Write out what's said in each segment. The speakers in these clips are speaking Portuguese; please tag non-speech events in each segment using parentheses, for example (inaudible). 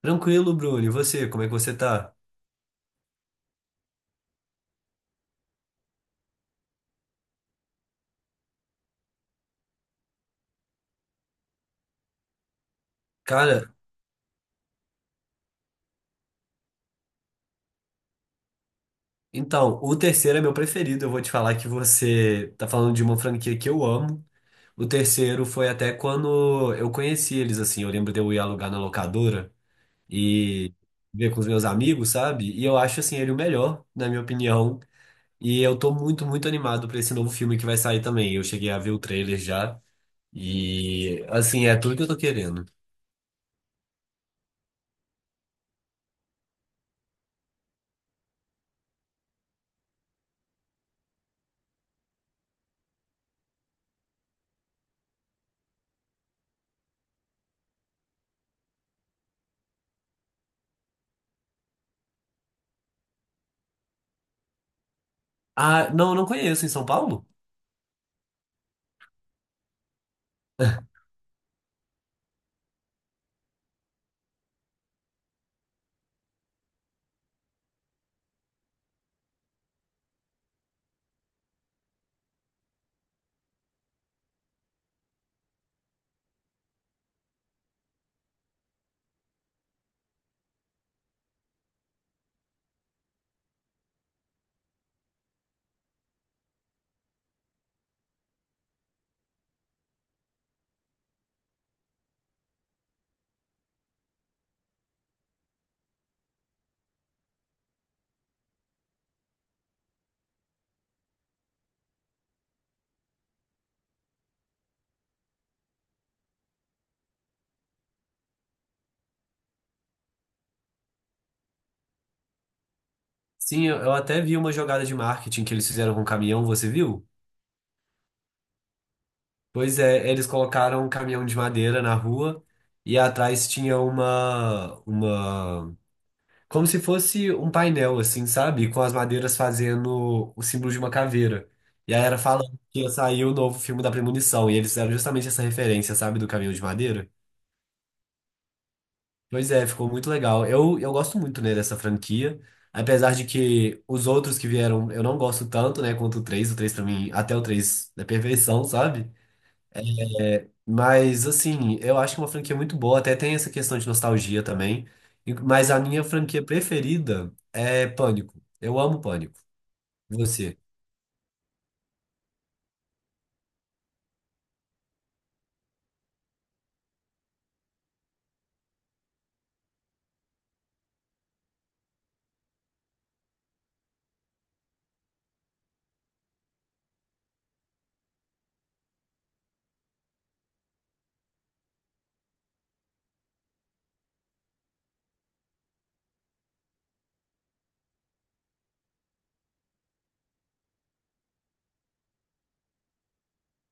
Tranquilo, Bruno. E você, como é que você tá? Cara, então, o terceiro é meu preferido. Eu vou te falar que você tá falando de uma franquia que eu amo. O terceiro foi até quando eu conheci eles, assim. Eu lembro de eu ir alugar na locadora e ver com os meus amigos, sabe? E eu acho, assim, ele o melhor, na minha opinião. E eu tô muito, muito animado pra esse novo filme que vai sair também. Eu cheguei a ver o trailer já. E, assim, é tudo que eu tô querendo. Ah, não, não conheço em São Paulo? Sim, eu até vi uma jogada de marketing que eles fizeram com um caminhão, você viu? Pois é, eles colocaram um caminhão de madeira na rua e atrás tinha uma, como se fosse um painel, assim, sabe? Com as madeiras fazendo o símbolo de uma caveira. E aí era falando que ia sair o novo filme da Premonição, e eles fizeram justamente essa referência, sabe, do caminhão de madeira. Pois é, ficou muito legal. Eu gosto muito, né, dessa franquia. Apesar de que os outros que vieram eu não gosto tanto, né, quanto o três. O 3 pra mim, até o 3 é perfeição, sabe? É. Mas, assim, eu acho que é uma franquia muito boa. Até tem essa questão de nostalgia também. E mas a minha franquia preferida é Pânico. Eu amo Pânico. Você.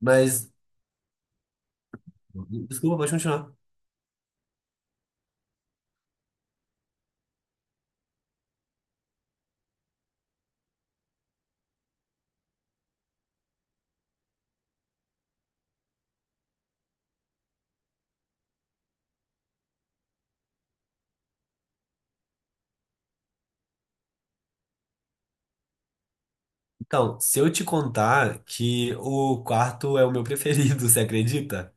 Mas, desculpa, pode continuar. Então, se eu te contar que o quarto é o meu preferido, (laughs) você acredita?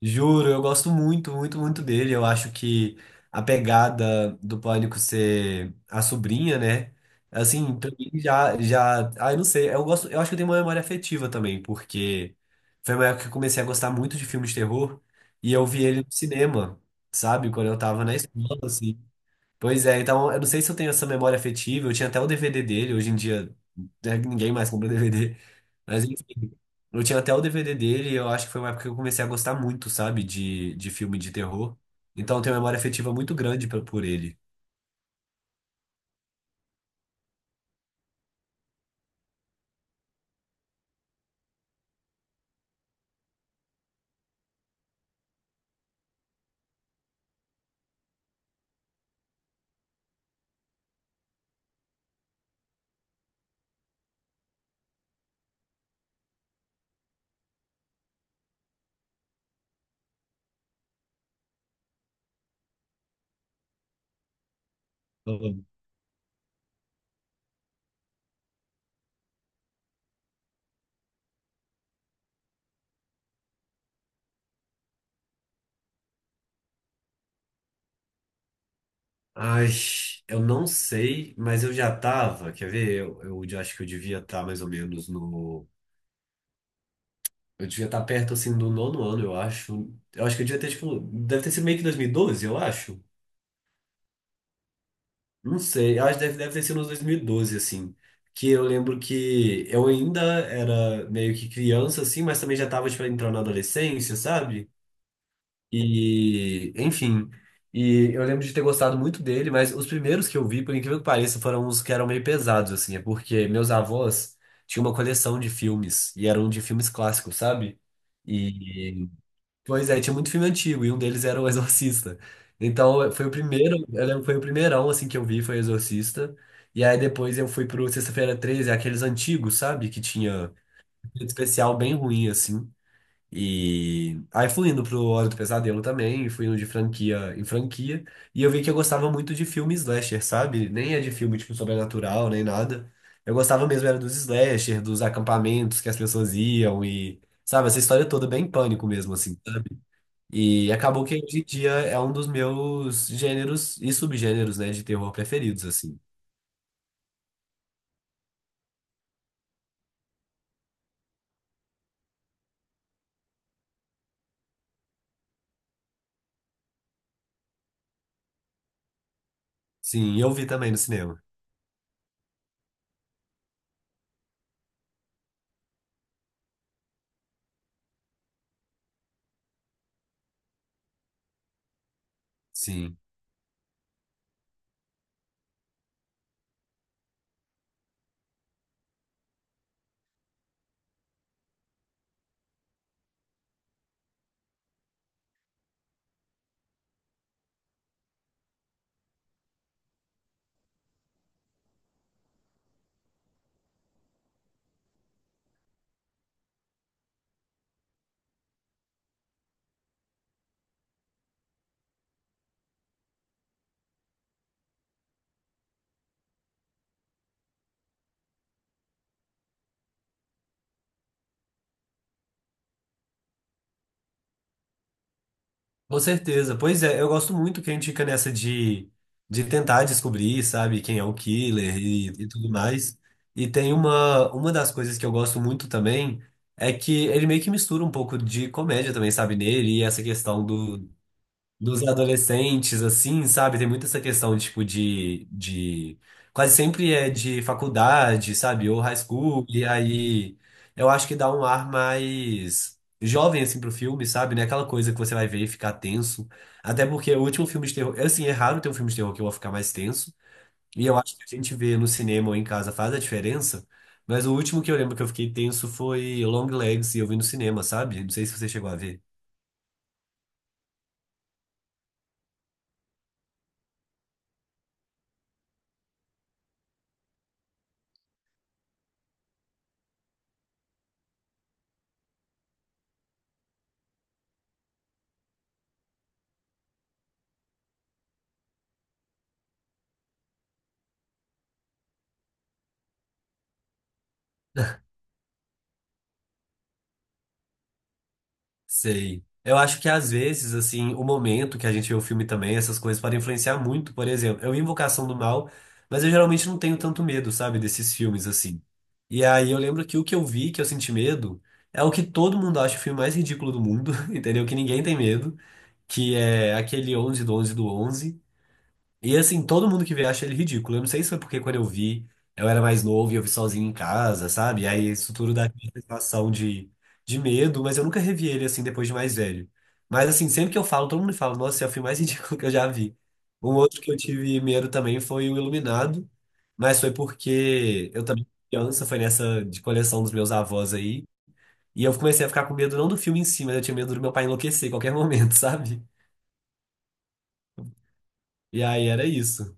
Juro, eu gosto muito, muito, muito dele. Eu acho que a pegada do Pânico ser a sobrinha, né? Assim, pra mim já, já. Ah, eu não sei. Eu gosto, eu acho que eu tenho uma memória afetiva também, porque foi uma época que eu comecei a gostar muito de filmes de terror e eu vi ele no cinema, sabe? Quando eu tava na escola, assim. Pois é, então eu não sei se eu tenho essa memória afetiva, eu tinha até o DVD dele, hoje em dia né, ninguém mais compra (laughs) DVD, mas enfim, eu tinha até o DVD dele e eu acho que foi uma época que eu comecei a gostar muito, sabe, de filme de terror. Então eu tenho uma memória afetiva muito grande pra- por ele. Uhum. Ai, eu não sei, mas eu já tava, quer ver? Eu já acho que eu devia estar mais ou menos no. Eu devia estar perto assim do nono ano, eu acho. Eu acho que eu devia ter, tipo. Deve ter sido meio que 2012, eu acho. Não sei, eu acho que deve, deve ter sido nos 2012 assim. Que eu lembro que eu ainda era meio que criança, assim, mas também já tava, tipo, entrando na adolescência, sabe? E, enfim. E eu lembro de ter gostado muito dele, mas os primeiros que eu vi, por incrível que pareça, foram os que eram meio pesados, assim. É porque meus avós tinham uma coleção de filmes, e eram de filmes clássicos, sabe? e Pois é, tinha muito filme antigo, e um deles era O Exorcista. Então, foi o primeiro, eu lembro, que foi o primeirão, assim, que eu vi, foi O Exorcista. E aí, depois eu fui pro Sexta-feira 13, aqueles antigos, sabe? Que tinha efeito especial bem ruim, assim. E aí fui indo pro Hora do Pesadelo também, fui indo de franquia em franquia. E eu vi que eu gostava muito de filme slasher, sabe? Nem é de filme, tipo, sobrenatural, nem nada. Eu gostava mesmo era dos slasher, dos acampamentos que as pessoas iam e... Sabe, essa história toda bem pânico mesmo, assim. E acabou que hoje em dia é um dos meus gêneros e subgêneros, né, de terror preferidos, assim. Sim, eu vi também no cinema. Sim. Com certeza. Pois é, eu gosto muito que a gente fica nessa de tentar descobrir, sabe, quem é o killer e tudo mais. E tem uma das coisas que eu gosto muito também é que ele meio que mistura um pouco de comédia também, sabe, nele, e essa questão do, dos adolescentes, assim, sabe? Tem muito essa questão, tipo, de... Quase sempre é de faculdade, sabe? Ou high school. E aí, eu acho que dá um ar mais jovem, assim, pro filme, sabe? Não é aquela coisa que você vai ver e ficar tenso. Até porque o último filme de terror... é, assim, é raro ter um filme de terror que eu vou ficar mais tenso. E eu acho que a gente vê no cinema ou em casa faz a diferença. Mas o último que eu lembro que eu fiquei tenso foi Long Legs e eu vi no cinema, sabe? Não sei se você chegou a ver. Sei. Eu acho que às vezes, assim, o momento que a gente vê o filme também, essas coisas podem influenciar muito. Por exemplo, eu vi Invocação do Mal, mas eu geralmente não tenho tanto medo, sabe, desses filmes, assim. E aí eu lembro que o que eu vi, que eu senti medo, é o que todo mundo acha o filme mais ridículo do mundo, (laughs) entendeu? Que ninguém tem medo, que é aquele 11 do 11 do 11 e assim, todo mundo que vê acha ele ridículo. Eu não sei se foi porque quando eu vi, eu era mais novo e eu vi sozinho em casa, sabe? E aí isso tudo dá aquela sensação de medo, mas eu nunca revi ele assim depois de mais velho. Mas assim, sempre que eu falo, todo mundo fala, nossa, esse é o filme mais (laughs) ridículo que eu já vi. Um outro que eu tive medo também foi o Iluminado, mas foi porque eu também fui criança, foi nessa de coleção dos meus avós aí. E eu comecei a ficar com medo não do filme em si, mas eu tinha medo do meu pai enlouquecer em qualquer (laughs) momento, sabe? E aí era isso.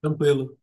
Tranquilo.